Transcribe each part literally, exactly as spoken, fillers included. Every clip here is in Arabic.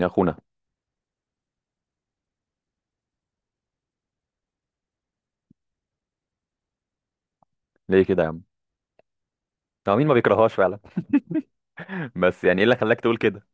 يا اخونا. ليه كده يا عم؟ هو مين ما بيكرههاش فعلا؟ بس يعني ايه اللي خلاك تقول كده؟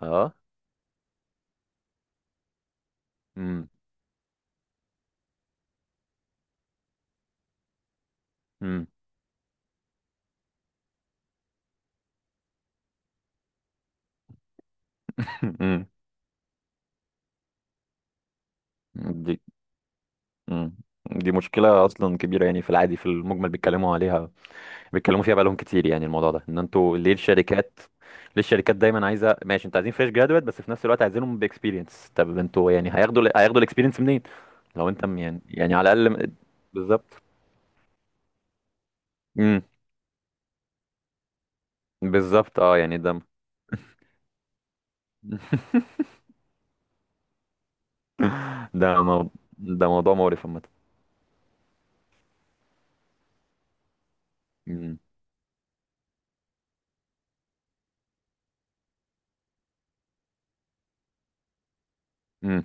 اه. امم. امم. امم. دي امم دي مشكلة أصلا كبيرة، يعني في العادي في المجمل بيتكلموا عليها، بيتكلموا فيها بقالهم كتير. يعني الموضوع ده إن أنتوا ليه الشركات، ليه الشركات دايما عايزة. ماشي، أنتوا عايزين فريش جرادويت بس في نفس الوقت عايزينهم بإكسبيرينس، طب أنتوا يعني هياخدوا ال- هياخدوا الإكسبيرينس منين؟ لو أنت م- يعني يعني على الأقل، بالظبط. امم. بالظبط، أه يعني ده. ده مو... ده موضوع مقرف عامة. مم. مم.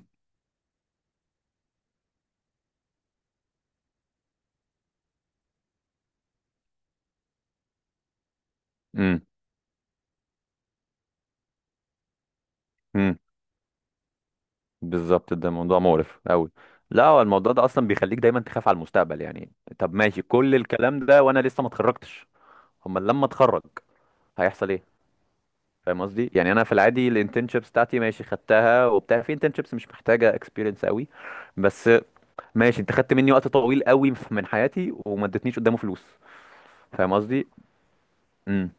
مم. مم. بالظبط، ده موضوع مقرف قوي. لا هو الموضوع ده اصلا بيخليك دايما تخاف على المستقبل. يعني طب ماشي كل الكلام ده وانا لسه ما اتخرجتش، امال لما اتخرج هيحصل ايه؟ فاهم قصدي، يعني انا في العادي الانترنشيبس بتاعتي ماشي خدتها وبتاع، في انترنشيبس مش محتاجه اكسبيرينس قوي بس. ماشي، انت خدت مني وقت طويل قوي من حياتي وما ادتنيش قدامه فلوس، فاهم قصدي. امم.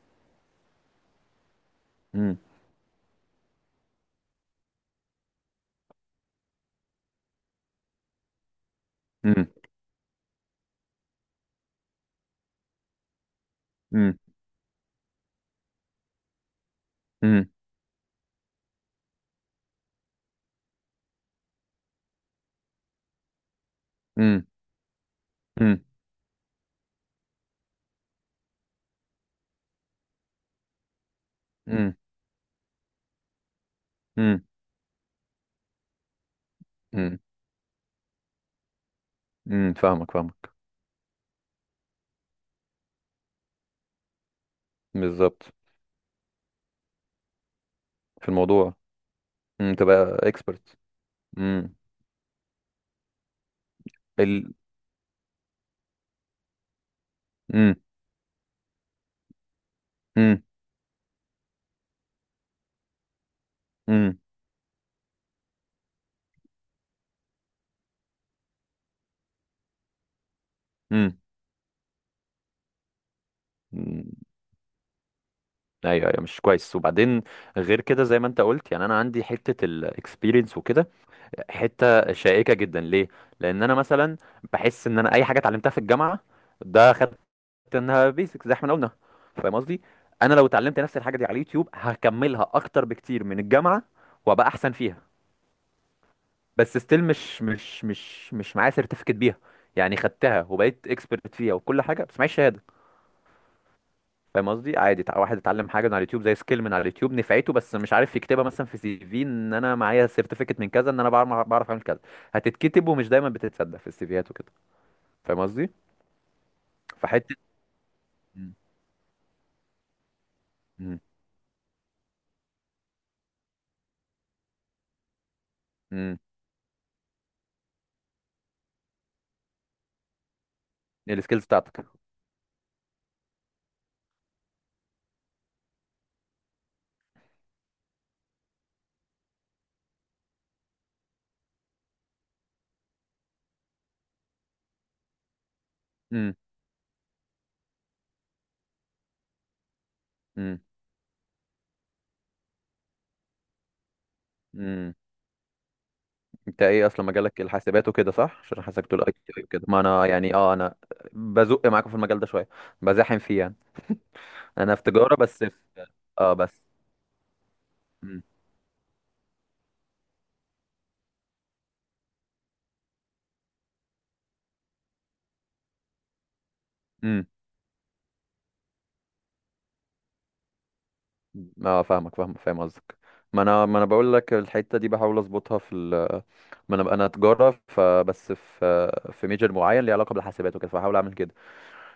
امم. امم. امم. امم. امم. امم. امم. امم، فاهمك فاهمك. بالظبط في الموضوع. امم، تبقى اكسبرت. امم. ال امم. امم. امم. امم، ايوه ايوه مش كويس. وبعدين غير كده زي ما انت قلت، يعني انا عندي حته الاكسبيرينس وكده، حته شائكه جدا. ليه؟ لان انا مثلا بحس ان انا اي حاجه اتعلمتها في الجامعه، ده خدت، انها بيسكس زي ما احنا قلنا، فاهم قصدي. انا لو اتعلمت نفس الحاجه دي على اليوتيوب هكملها اكتر بكتير من الجامعه وابقى احسن فيها، بس ستيل مش مش مش مش معايا سيرتيفيكت بيها، يعني خدتها وبقيت اكسبرت فيها وكل حاجه بس معيش شهاده، فاهم قصدي. عادي تع- واحد اتعلم حاجه من على اليوتيوب، زي سكيل من على اليوتيوب نفعته بس مش عارف يكتبها مثلا في سي في، ان انا معايا سيرتيفيكت من كذا ان انا بعرف بعرف اعمل كذا، هتتكتب ومش دايما بتتصدق في السي فيات وكده، فاهم قصدي. فحته. مم. مم. مم. السكيلز بتاعتك. مم. مم. مم. انت ايه اصلا مجالك، الحاسبات وكده صح؟ عشان حاسسك تقول اي تي وكده. ما انا يعني اه انا بزق معاكم في المجال ده شويه، بزاحم فيه يعني. انا في تجاره بس في. اه بس. امم. امم. اه فاهمك فاهم فاهم قصدك. ما انا ما انا بقول لك الحته دي بحاول اظبطها في ال... ما انا انا تجاره فبس في في ميجر معين ليه علاقه بالحاسبات وكده، فبحاول اعمل كده.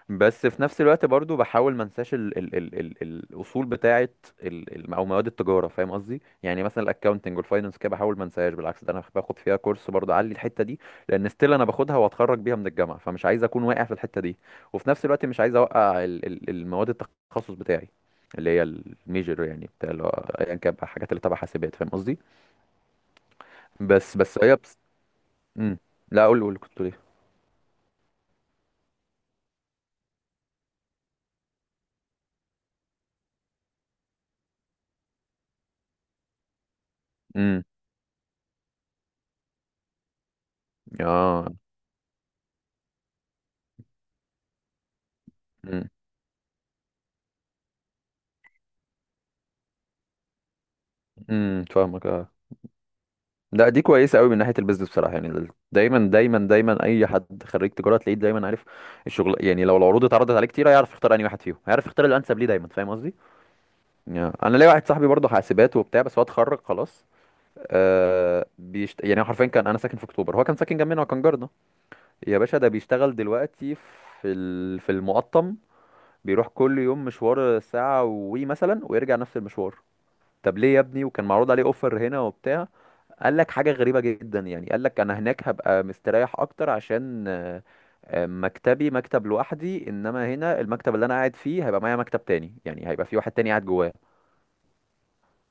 بس في نفس الوقت برضو بحاول ما انساش ال ال ال ال الاصول بتاعه، ال ال او مواد التجاره، فاهم قصدي. يعني مثلا الاكاونتنج والفاينانس كده بحاول ما انساهاش، بالعكس ده انا باخد فيها كورس برضو اعلي الحته دي، لان ستيل انا باخدها واتخرج بيها من الجامعه، فمش عايز اكون واقع في الحته دي، وفي نفس الوقت مش عايز اوقع ال ال المواد التخصص بتاعي، اللي هي الميجر يعني بتاع اللي هو ايا كان بقى الحاجات اللي تبع حاسبات، فاهم قصدي. بس بس هي بس... مم. لا قول قول كنت ليه. امم. اه. امم. امم، فاهمك آه. لا دي كويسه قوي من ناحيه البيزنس بصراحه، يعني دايما دايما دايما اي حد خريج تجاره تلاقيه دايما عارف الشغل. يعني لو العروض اتعرضت عليه كتير هيعرف يختار انهي واحد فيهم، هيعرف يختار الانسب ليه دايما، فاهم قصدي. يعني انا ليا واحد صاحبي برضه حاسبات وبتاع بس هو اتخرج خلاص. آه بيشت... يعني هو حرفيا كان، انا ساكن في اكتوبر هو كان ساكن جنبنا وكان جارنا، يا باشا ده بيشتغل دلوقتي في ال... في المقطم، بيروح كل يوم مشوار ساعه وي مثلا ويرجع نفس المشوار. طب ليه يا ابني وكان معروض عليه اوفر هنا وبتاع؟ قال لك حاجة غريبة جدا، يعني قال لك انا هناك هبقى مستريح اكتر عشان آه، آه، مكتبي مكتب لوحدي، انما هنا المكتب اللي انا قاعد فيه هيبقى معايا مكتب تاني، يعني هيبقى في واحد تاني قاعد جواه.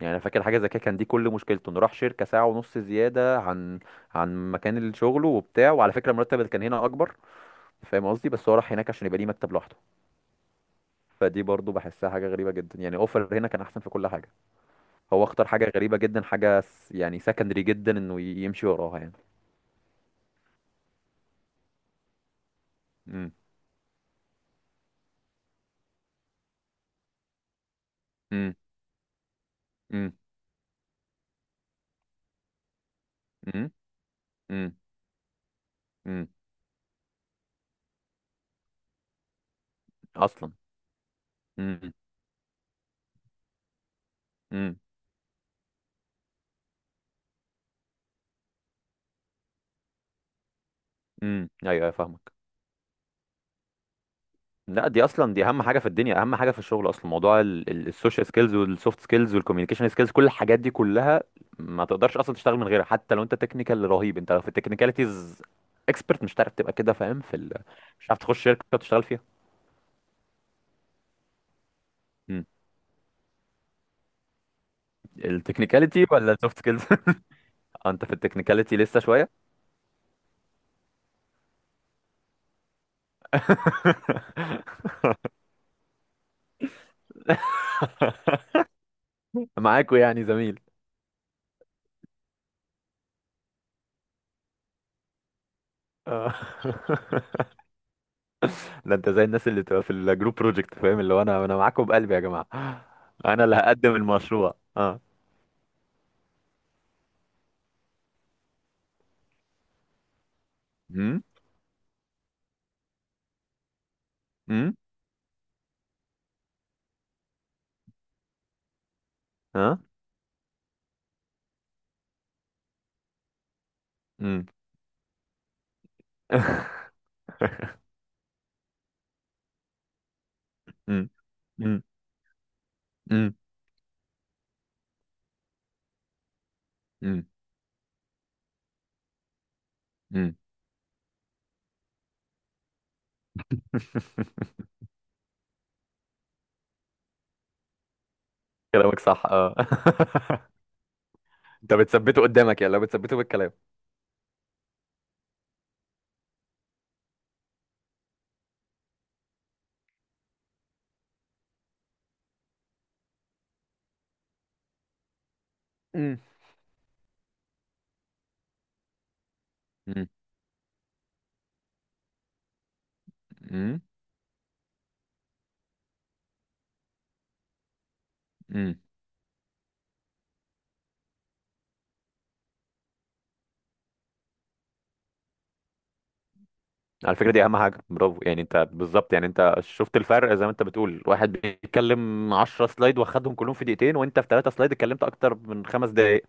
يعني انا فاكر حاجة زي كده كان، دي كل مشكلته انه راح شركة ساعة ونص زيادة عن عن مكان شغله وبتاع، وعلى فكرة المرتب اللي كان هنا اكبر، فاهم قصدي، بس هو راح هناك عشان يبقى ليه مكتب لوحده. فدي برضو بحسها حاجة غريبة جدا، يعني اوفر هنا كان احسن في كل حاجة، هو اختار حاجة غريبة جدا، حاجة س- يعني سكندري جدا انه ي- يمشي وراها يعني. امم. امم. امم. امم. امم. امم اصلا. امم. امم. امم، ايوه أيوة، فاهمك. لا دي اصلا دي اهم حاجه في الدنيا، اهم حاجه في الشغل اصلا، موضوع السوشيال سكيلز والسوفت سكيلز والكوميونيكيشن سكيلز، كل الحاجات دي كلها ما تقدرش اصلا تشتغل من غيرها. حتى لو انت تكنيكال رهيب، انت لو في التكنيكاليتيز اكسبرت مش هتعرف تبقى كده، فاهم في ال... مش هتعرف تخش شركه وتشتغل فيها. امم، التكنيكاليتي ولا السوفت سكيلز؟ انت في التكنيكاليتي لسه شويه. معاكوا يعني زميل. آه. ده انت زي الناس اللي تبقى في الجروب بروجكت، فاهم اللي هو انا انا معاكم بقلبي يا جماعه، انا اللي هقدم المشروع. اه. امم. امم. اه. امم. امم. امم. امم. امم. امم. كلامك صح اه. انت بتثبته قدامك، يعني لو بتثبته بالكلام. امم. امم. امم. امم. على فكره دي اهم حاجه، برافو، يعني انت بالظبط، يعني انت شفت الفرق زي ما انت بتقول، واحد بيتكلم 10 سلايد واخدهم كلهم في دقيقتين، وانت في 3 سلايد اتكلمت اكتر من خمس دقائق.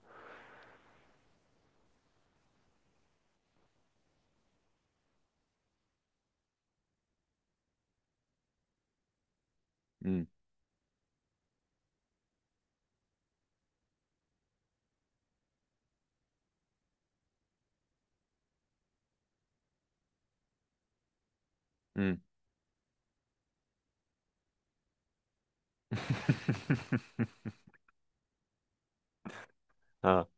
امم. اه،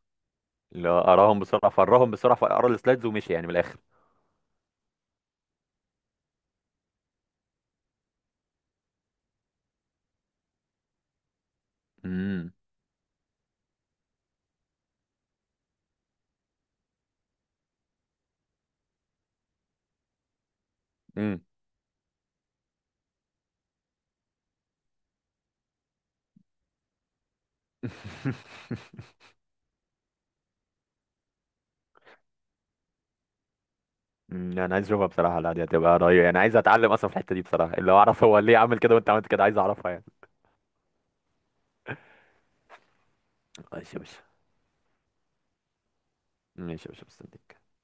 اللي هو اراهم بسرعه فراهم بسرعه فقرا السلايدز ومشي يعني من الاخر. امم. امم. أمم، انا عايز اشوفها بصراحه، لا دي هتبقى رهيبه يعني، عايز اتعلم اصلا في الحته دي بصراحه، اللي هو اعرف هو ليه عمل كده وانت عملت كده، عايز اعرفها يعني. ماشي يا باشا. ماشي يا باشا مستنيك.